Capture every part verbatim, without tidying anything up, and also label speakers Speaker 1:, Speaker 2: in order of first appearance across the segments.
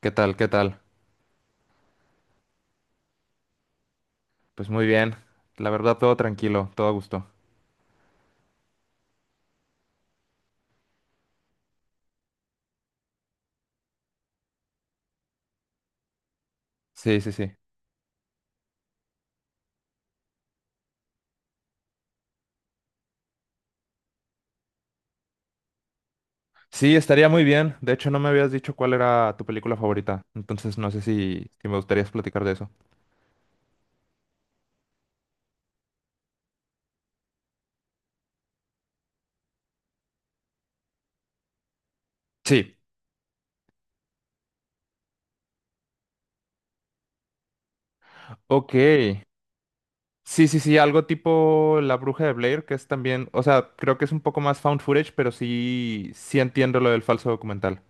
Speaker 1: ¿Qué tal? ¿Qué tal? Pues muy bien. La verdad, todo tranquilo, todo a gusto. Sí, sí, sí. Sí, estaría muy bien. De hecho, no me habías dicho cuál era tu película favorita. Entonces, no sé si, si me gustaría platicar de eso. Sí. Ok. Sí, sí, sí, algo tipo La Bruja de Blair, que es también, o sea, creo que es un poco más found footage, pero sí, sí entiendo lo del falso documental.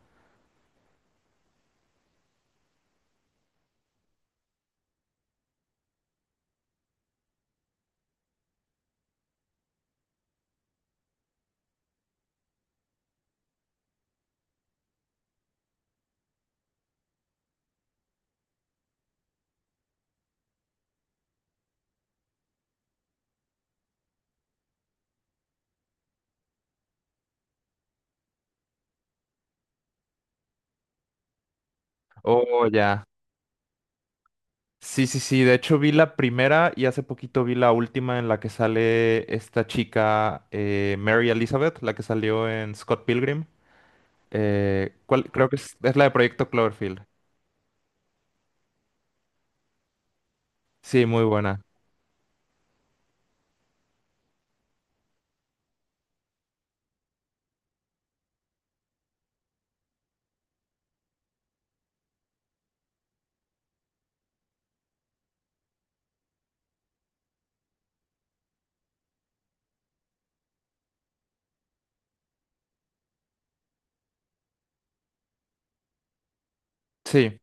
Speaker 1: Oh, ya. Sí, sí, sí. De hecho, vi la primera y hace poquito vi la última en la que sale esta chica, eh, Mary Elizabeth, la que salió en Scott Pilgrim. ¿Eh, cuál? Creo que es, es la de Proyecto Cloverfield. Sí, muy buena. Sí,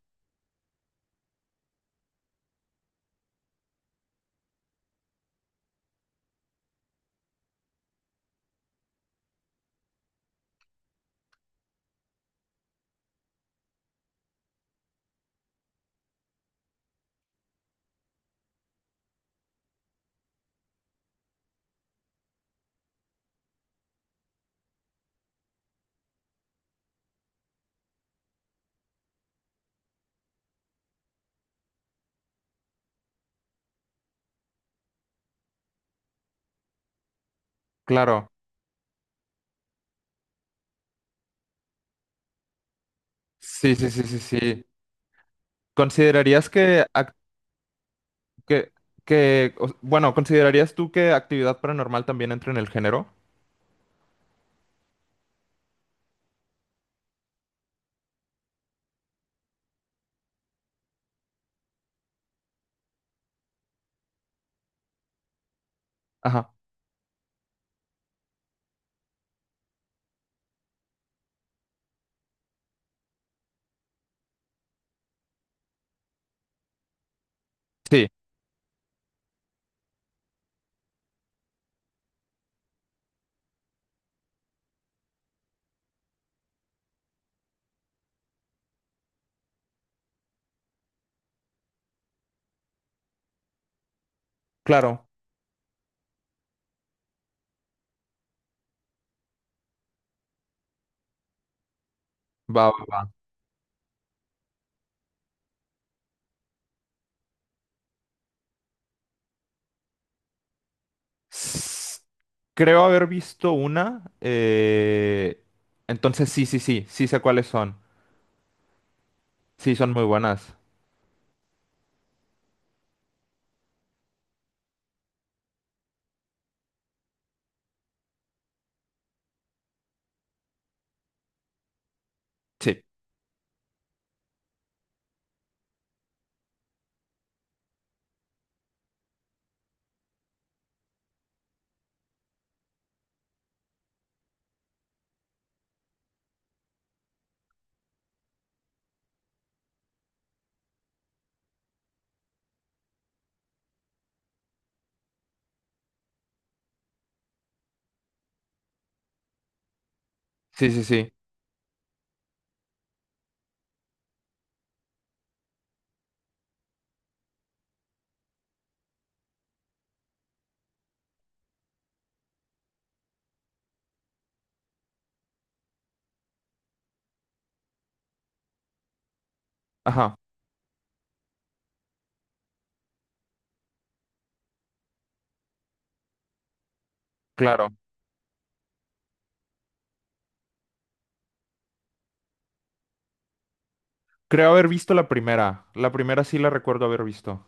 Speaker 1: claro. Sí, sí, sí, sí, sí. ¿Considerarías que, ac- que, que, o- bueno, ¿Considerarías tú que actividad paranormal también entra en el género? Ajá. Sí, claro. Va, va, va. S- Creo haber visto una. eh, Entonces sí, sí, sí, sí sé cuáles son. Sí, son muy buenas. Sí, sí, sí, sí. Ajá, claro. Creo haber visto la primera. La primera sí la recuerdo haber visto.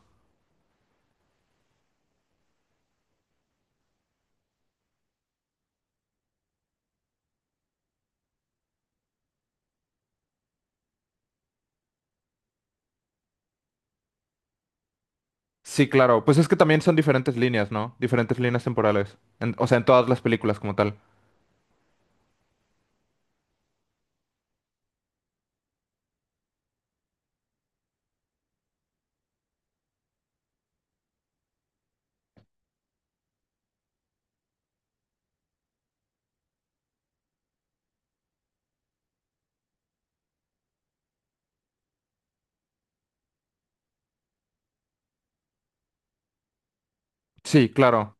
Speaker 1: Sí, claro. Pues es que también son diferentes líneas, ¿no? Diferentes líneas temporales. En- o sea, en todas las películas como tal. Sí, claro.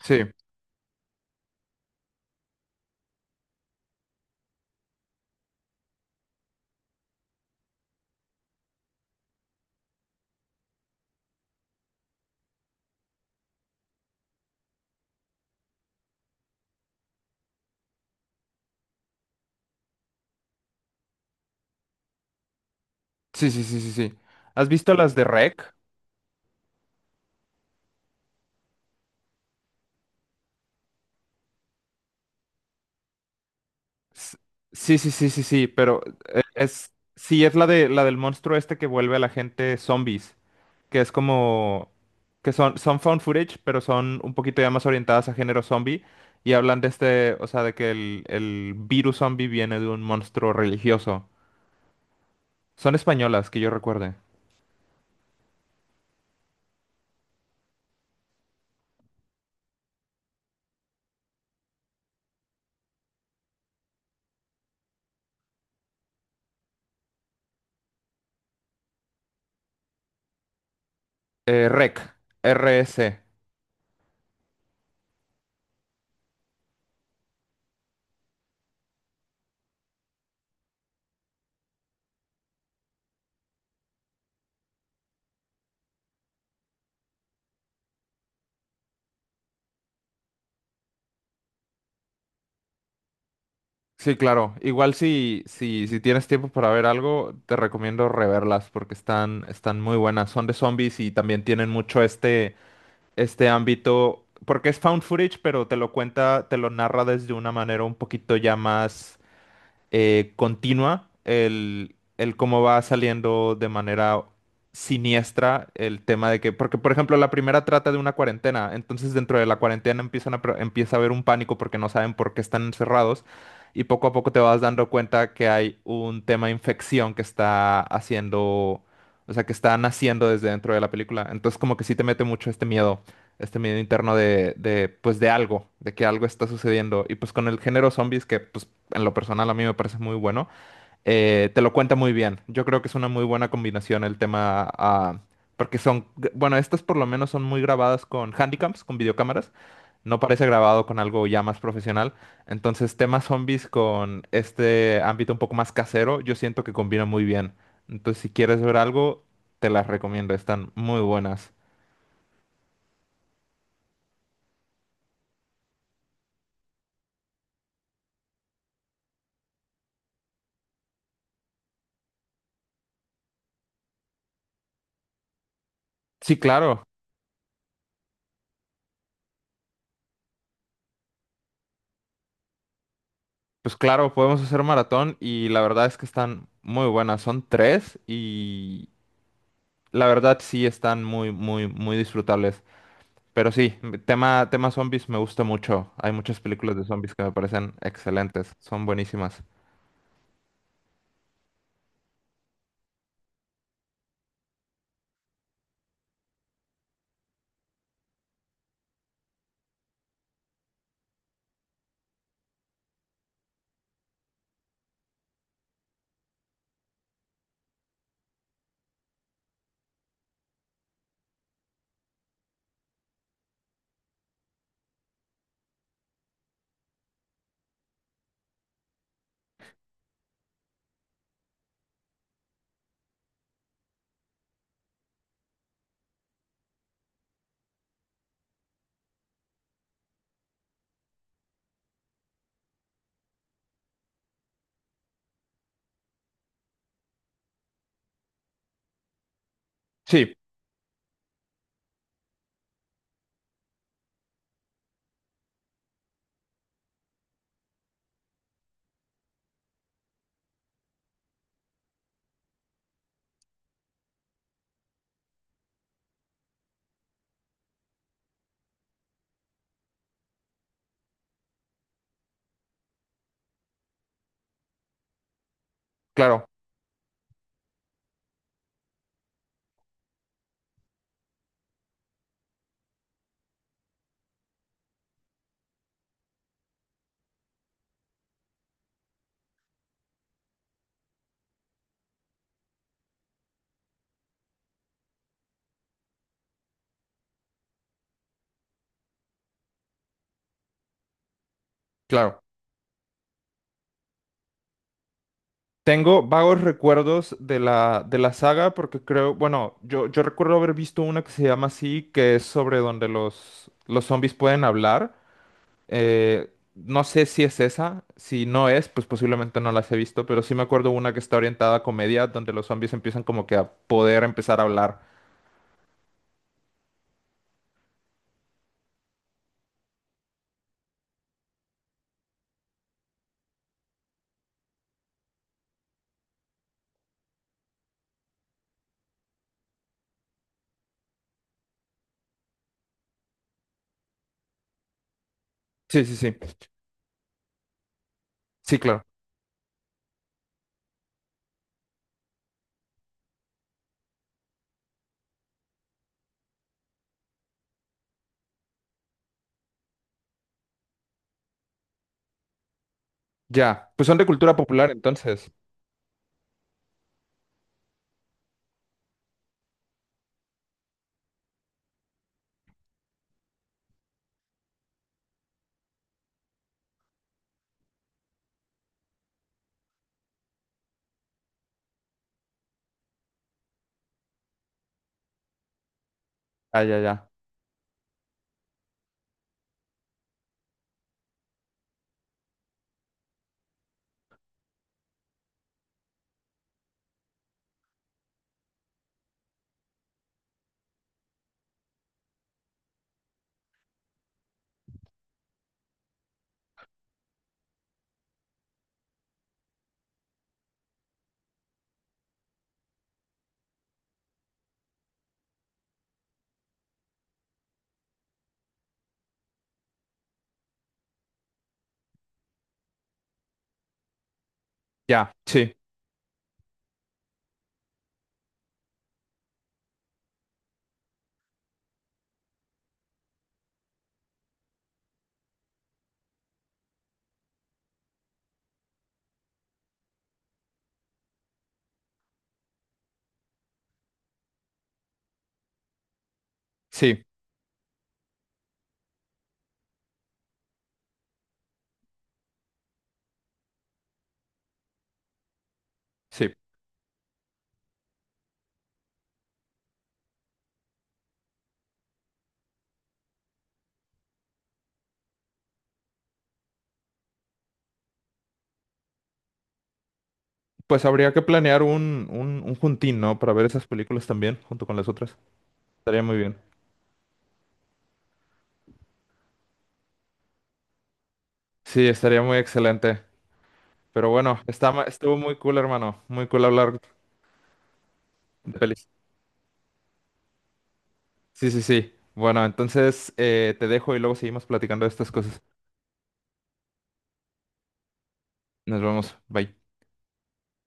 Speaker 1: Sí, sí, sí, sí, sí, sí. ¿Has visto las de R E C? S- Sí, sí, sí, sí, sí, pero eh, es, sí, es la de la del monstruo este que vuelve a la gente zombies, que es como, que son, son found footage, pero son un poquito ya más orientadas a género zombie y hablan de este, o sea, de que el, el virus zombie viene de un monstruo religioso. Son españolas, que yo recuerde. Eh, R E C, R s. Sí, claro. Igual si, si, si tienes tiempo para ver algo, te recomiendo reverlas porque están, están muy buenas. Son de zombies y también tienen mucho este este ámbito, porque es found footage, pero te lo cuenta, te lo narra desde una manera un poquito ya más eh, continua, el, el cómo va saliendo de manera siniestra el tema de que, porque por ejemplo la primera trata de una cuarentena, entonces dentro de la cuarentena empiezan a, pro- empieza a haber un pánico porque no saben por qué están encerrados y poco a poco te vas dando cuenta que hay un tema de infección que está haciendo, o sea, que está naciendo desde dentro de la película, entonces como que sí te mete mucho este miedo. Este miedo interno de, de, pues, de algo, de que algo está sucediendo. Y pues con el género zombies, que pues en lo personal a mí me parece muy bueno, eh, te lo cuenta muy bien. Yo creo que es una muy buena combinación el tema, ah, porque son, bueno, estas por lo menos son muy grabadas con handicaps, con videocámaras. No parece grabado con algo ya más profesional. Entonces, temas zombies con este ámbito un poco más casero, yo siento que combina muy bien. Entonces, si quieres ver algo, te las recomiendo. Están muy buenas. Sí, claro. Pues claro, podemos hacer maratón y la verdad es que están muy buenas. Son tres y la verdad sí están muy, muy, muy disfrutables. Pero sí, m- tema, tema zombies me gusta mucho. Hay muchas películas de zombies que me parecen excelentes. Son buenísimas. Sí, claro, claro. Tengo vagos recuerdos de la, de la saga porque creo, bueno, yo, yo recuerdo haber visto una que se llama así, que es sobre donde los, los zombies pueden hablar. Eh, no sé si es esa, si no es, pues posiblemente no las he visto, pero sí me acuerdo una que está orientada a comedia, donde los zombies empiezan como que a poder empezar a hablar. Sí, sí, sí. Sí, claro. Ya. Pues son de cultura popular entonces. Ah, ya, ya. Ya. Sí, sí, sí. Pues habría que planear un, un, un juntín, ¿no? Para ver esas películas también, junto con las otras. Estaría muy bien. Sí, estaría muy excelente. Pero bueno, está, ma- estuvo muy cool, hermano. Muy cool hablar de pelis. Sí, sí, sí. Bueno, entonces eh, te dejo y luego seguimos platicando de estas cosas. Nos vemos. Bye.